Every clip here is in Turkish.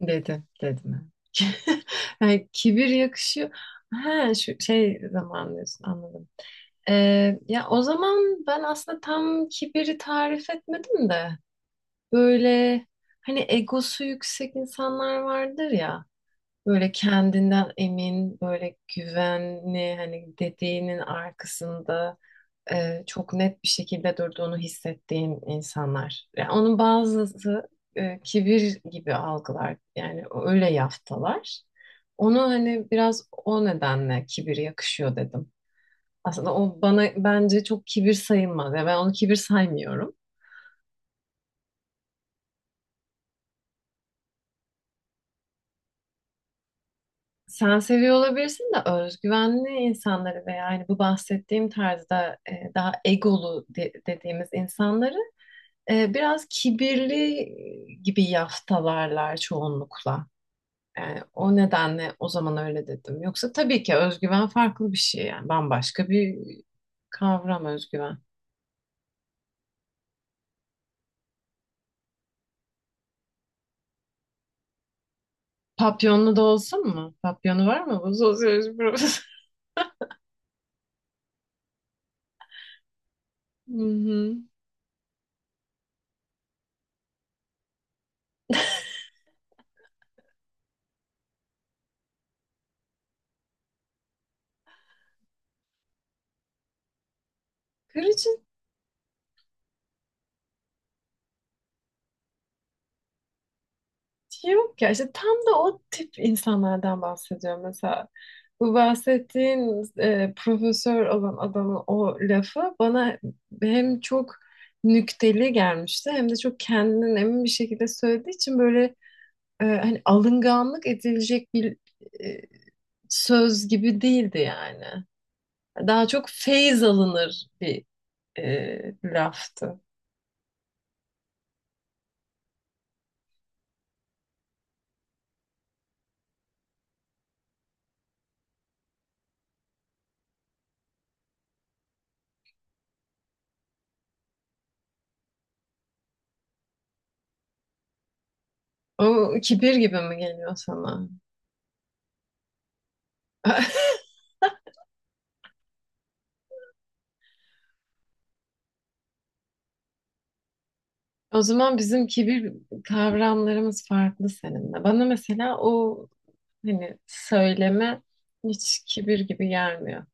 Dedim, dedim. Yani kibir yakışıyor. Ha, şu şey zaman diyorsun, anladım. Ya o zaman ben aslında tam kibiri tarif etmedim de böyle hani egosu yüksek insanlar vardır ya, böyle kendinden emin, böyle güvenli, hani dediğinin arkasında çok net bir şekilde durduğunu hissettiğim insanlar. Yani onun bazısı kibir gibi algılar. Yani öyle yaftalar. Onu hani biraz o nedenle kibir yakışıyor dedim. Aslında o bana bence çok kibir sayılmaz. Yani ben onu kibir saymıyorum. Sen seviyor olabilirsin de özgüvenli insanları veya yani bu bahsettiğim tarzda daha dediğimiz insanları biraz kibirli gibi yaftalarlar çoğunlukla. Yani o nedenle o zaman öyle dedim. Yoksa tabii ki özgüven farklı bir şey, yani bambaşka bir kavram özgüven. Papyonlu da olsun mu? Papyonu var mı bu sosyoloji profesörü? Hı hı. Kırıcı yok ya, işte tam da o tip insanlardan bahsediyorum mesela. Bu bahsettiğin profesör olan adamın o lafı bana hem çok nükteli gelmişti, hem de çok kendinden emin bir şekilde söylediği için böyle hani alınganlık edilecek bir e, söz gibi değildi yani. Daha çok feyz alınır bir laftı. O kibir gibi mi geliyor sana? O zaman bizim kibir kavramlarımız farklı seninle. Bana mesela o hani söyleme hiç kibir gibi gelmiyor.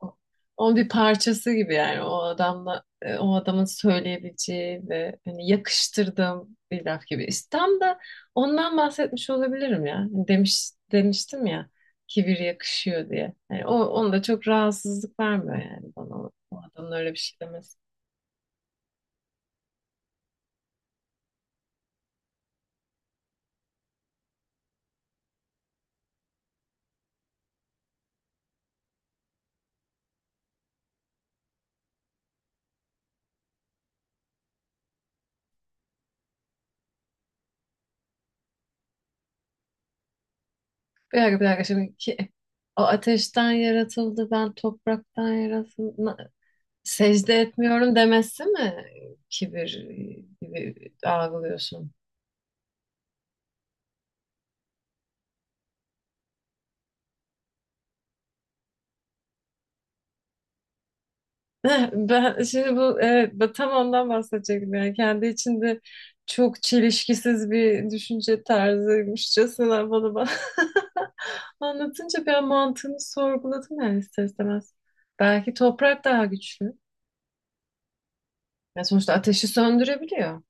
O- Onun bir parçası gibi, yani o adamla, o adamın söyleyebileceği ve hani yakıştırdığım bir laf gibi. İşte tam da ondan bahsetmiş olabilirim ya. Hani demiştim ya kibir yakışıyor diye. Yani o onda çok rahatsızlık vermiyor yani, bana o adamın öyle bir şey demesi. Bir dakika, bir dakika, şimdi ki, o ateşten yaratıldı, ben topraktan yaratıldım. Secde etmiyorum demesi mi kibir gibi algılıyorsun? Ben şimdi bu, evet, ben tam ondan bahsedecektim, yani kendi içinde çok çelişkisiz bir düşünce tarzıymışçasına bana bak. Anlatınca ben mantığını sorguladım yani ister istemez. Belki toprak daha güçlü. Ya sonuçta ateşi söndürebiliyor.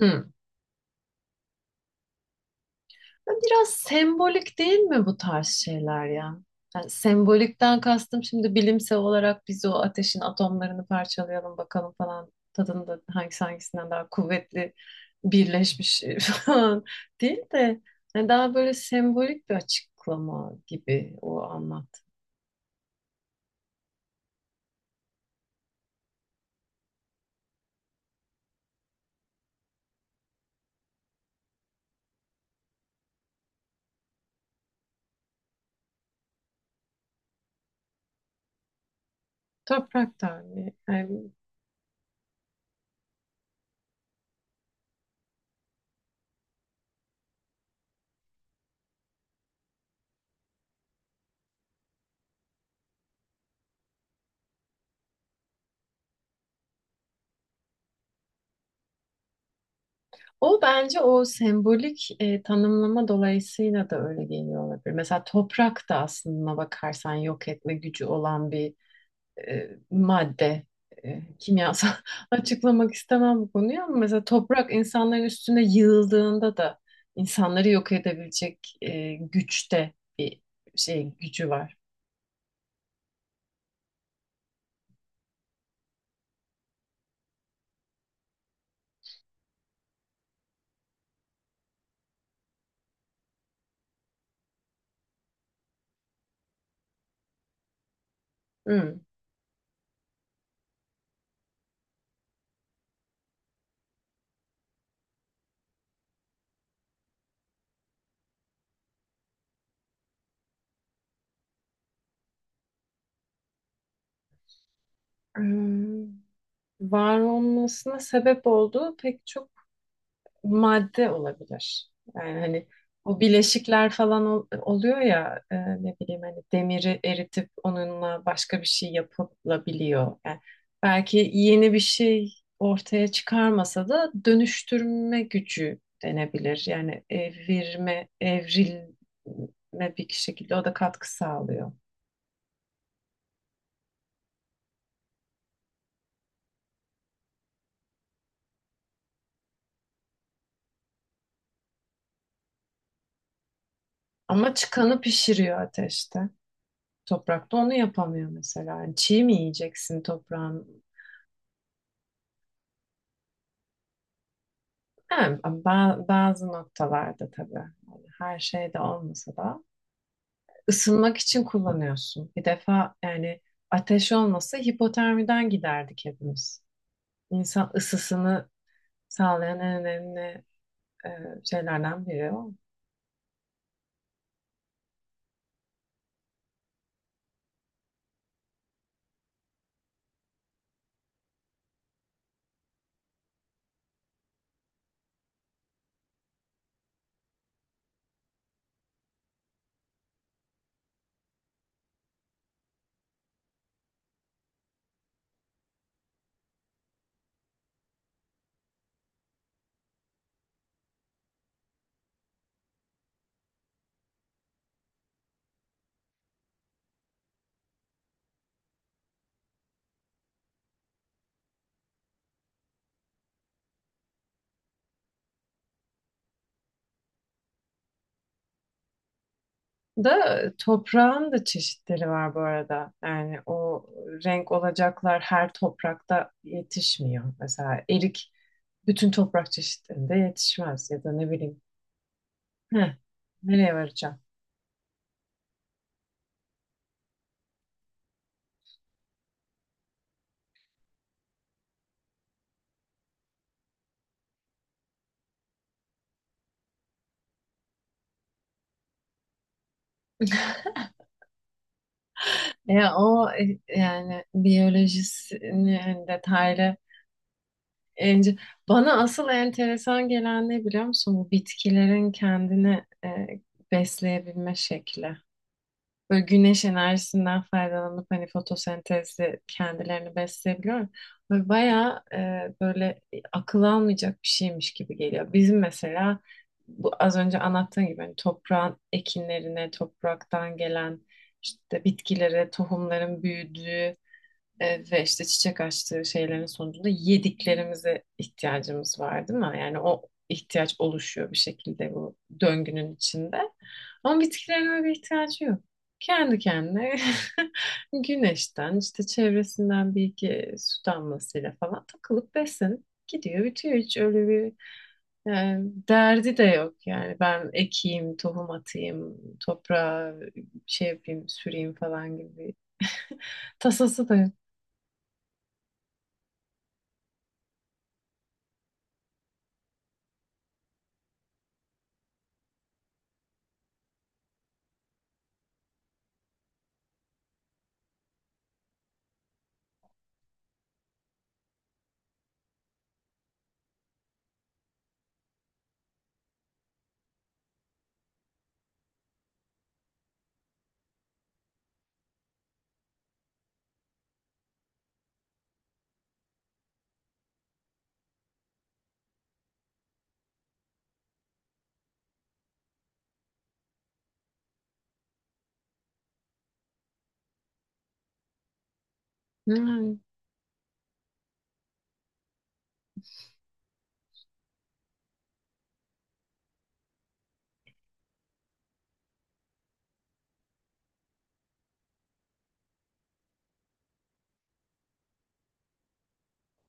Hı. Biraz sembolik değil mi bu tarz şeyler ya? Yani sembolikten kastım, şimdi bilimsel olarak biz o ateşin atomlarını parçalayalım bakalım falan tadında hangisi hangisinden daha kuvvetli birleşmiş falan değil de, yani daha böyle sembolik bir açıklama gibi o anlat. Toprak Tanrı. Yani o bence o sembolik tanımlama dolayısıyla da öyle geliyor olabilir. Mesela toprak da aslında bakarsan yok etme gücü olan bir madde, kimyasal açıklamak istemem bu konuyu, ama mesela toprak insanların üstüne yığıldığında da insanları yok edebilecek güçte bir şey gücü var. Hmm. Hmm. Var olmasına sebep olduğu pek çok madde olabilir. Yani hani bu bileşikler falan oluyor ya, ne bileyim hani demiri eritip onunla başka bir şey yapılabiliyor. Yani belki yeni bir şey ortaya çıkarmasa da dönüştürme gücü denebilir. Yani evirme, evrilme bir şekilde o da katkı sağlıyor. Ama çıkanı pişiriyor ateşte. Toprakta onu yapamıyor mesela. Yani çiğ mi yiyeceksin toprağın? Yani bazı noktalarda tabii. Yani her şeyde olmasa da ısınmak için kullanıyorsun. Bir defa yani ateş olmasa hipotermiden giderdik hepimiz. İnsan ısısını sağlayan en önemli e, şeylerden biri o. Da toprağın da çeşitleri var bu arada. Yani o renk olacaklar her toprakta yetişmiyor. Mesela erik bütün toprak çeşitlerinde yetişmez ya da ne bileyim. Heh, Nereye varacağım? Ya o yani biyolojisini hani detaylı Ence- bana asıl enteresan gelen ne biliyor musun? Bu bitkilerin kendini besleyebilme şekli. Böyle güneş enerjisinden faydalanıp hani fotosentezle kendilerini besleyebiliyor. Böyle bayağı böyle akıl almayacak bir şeymiş gibi geliyor. Bizim mesela bu az önce anlattığım gibi hani toprağın ekinlerine, topraktan gelen işte bitkilere, tohumların büyüdüğü ve işte çiçek açtığı şeylerin sonucunda yediklerimize ihtiyacımız var değil mi? Yani o ihtiyaç oluşuyor bir şekilde bu döngünün içinde. Ama bitkilerin öyle bir ihtiyacı yok. Kendi kendine güneşten, işte çevresinden bir iki su damlasıyla falan takılıp beslenip gidiyor, bitiyor. Hiç öyle bir e, derdi de yok yani. Ben ekeyim, tohum atayım, toprağa şey yapayım, süreyim falan gibi bir tasası da yok. Yani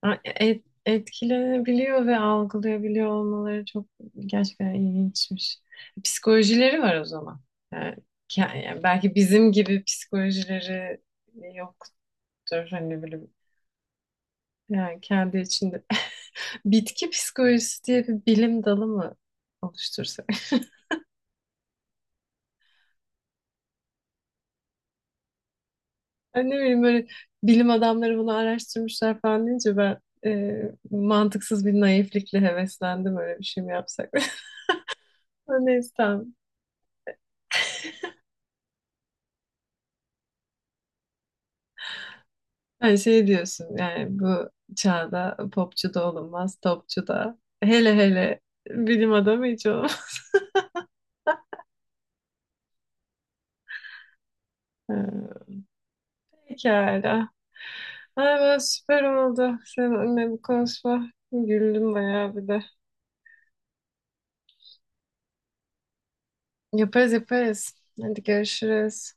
ha, etkilenebiliyor ve algılayabiliyor olmaları çok gerçekten ilginçmiş. Psikolojileri var o zaman. Yani, yani belki bizim gibi psikolojileri yoktur. Hani böyle yani kendi içinde. Bitki psikolojisi diye bir bilim dalı mı oluştursak? Yani ne bileyim böyle bilim adamları bunu araştırmışlar falan deyince ben e, mantıksız bir naiflikle heveslendim, öyle bir şey mi yapsak? Neyse tamam. Yani şey diyorsun yani, bu çağda popçu da olunmaz, topçu da. Hele hele bilim adamı hiç olmaz. Ee, Pekala. Ay ben süper oldu. Seninle bu konuşma. Güldüm bayağı bir de. Yaparız yaparız. Hadi görüşürüz.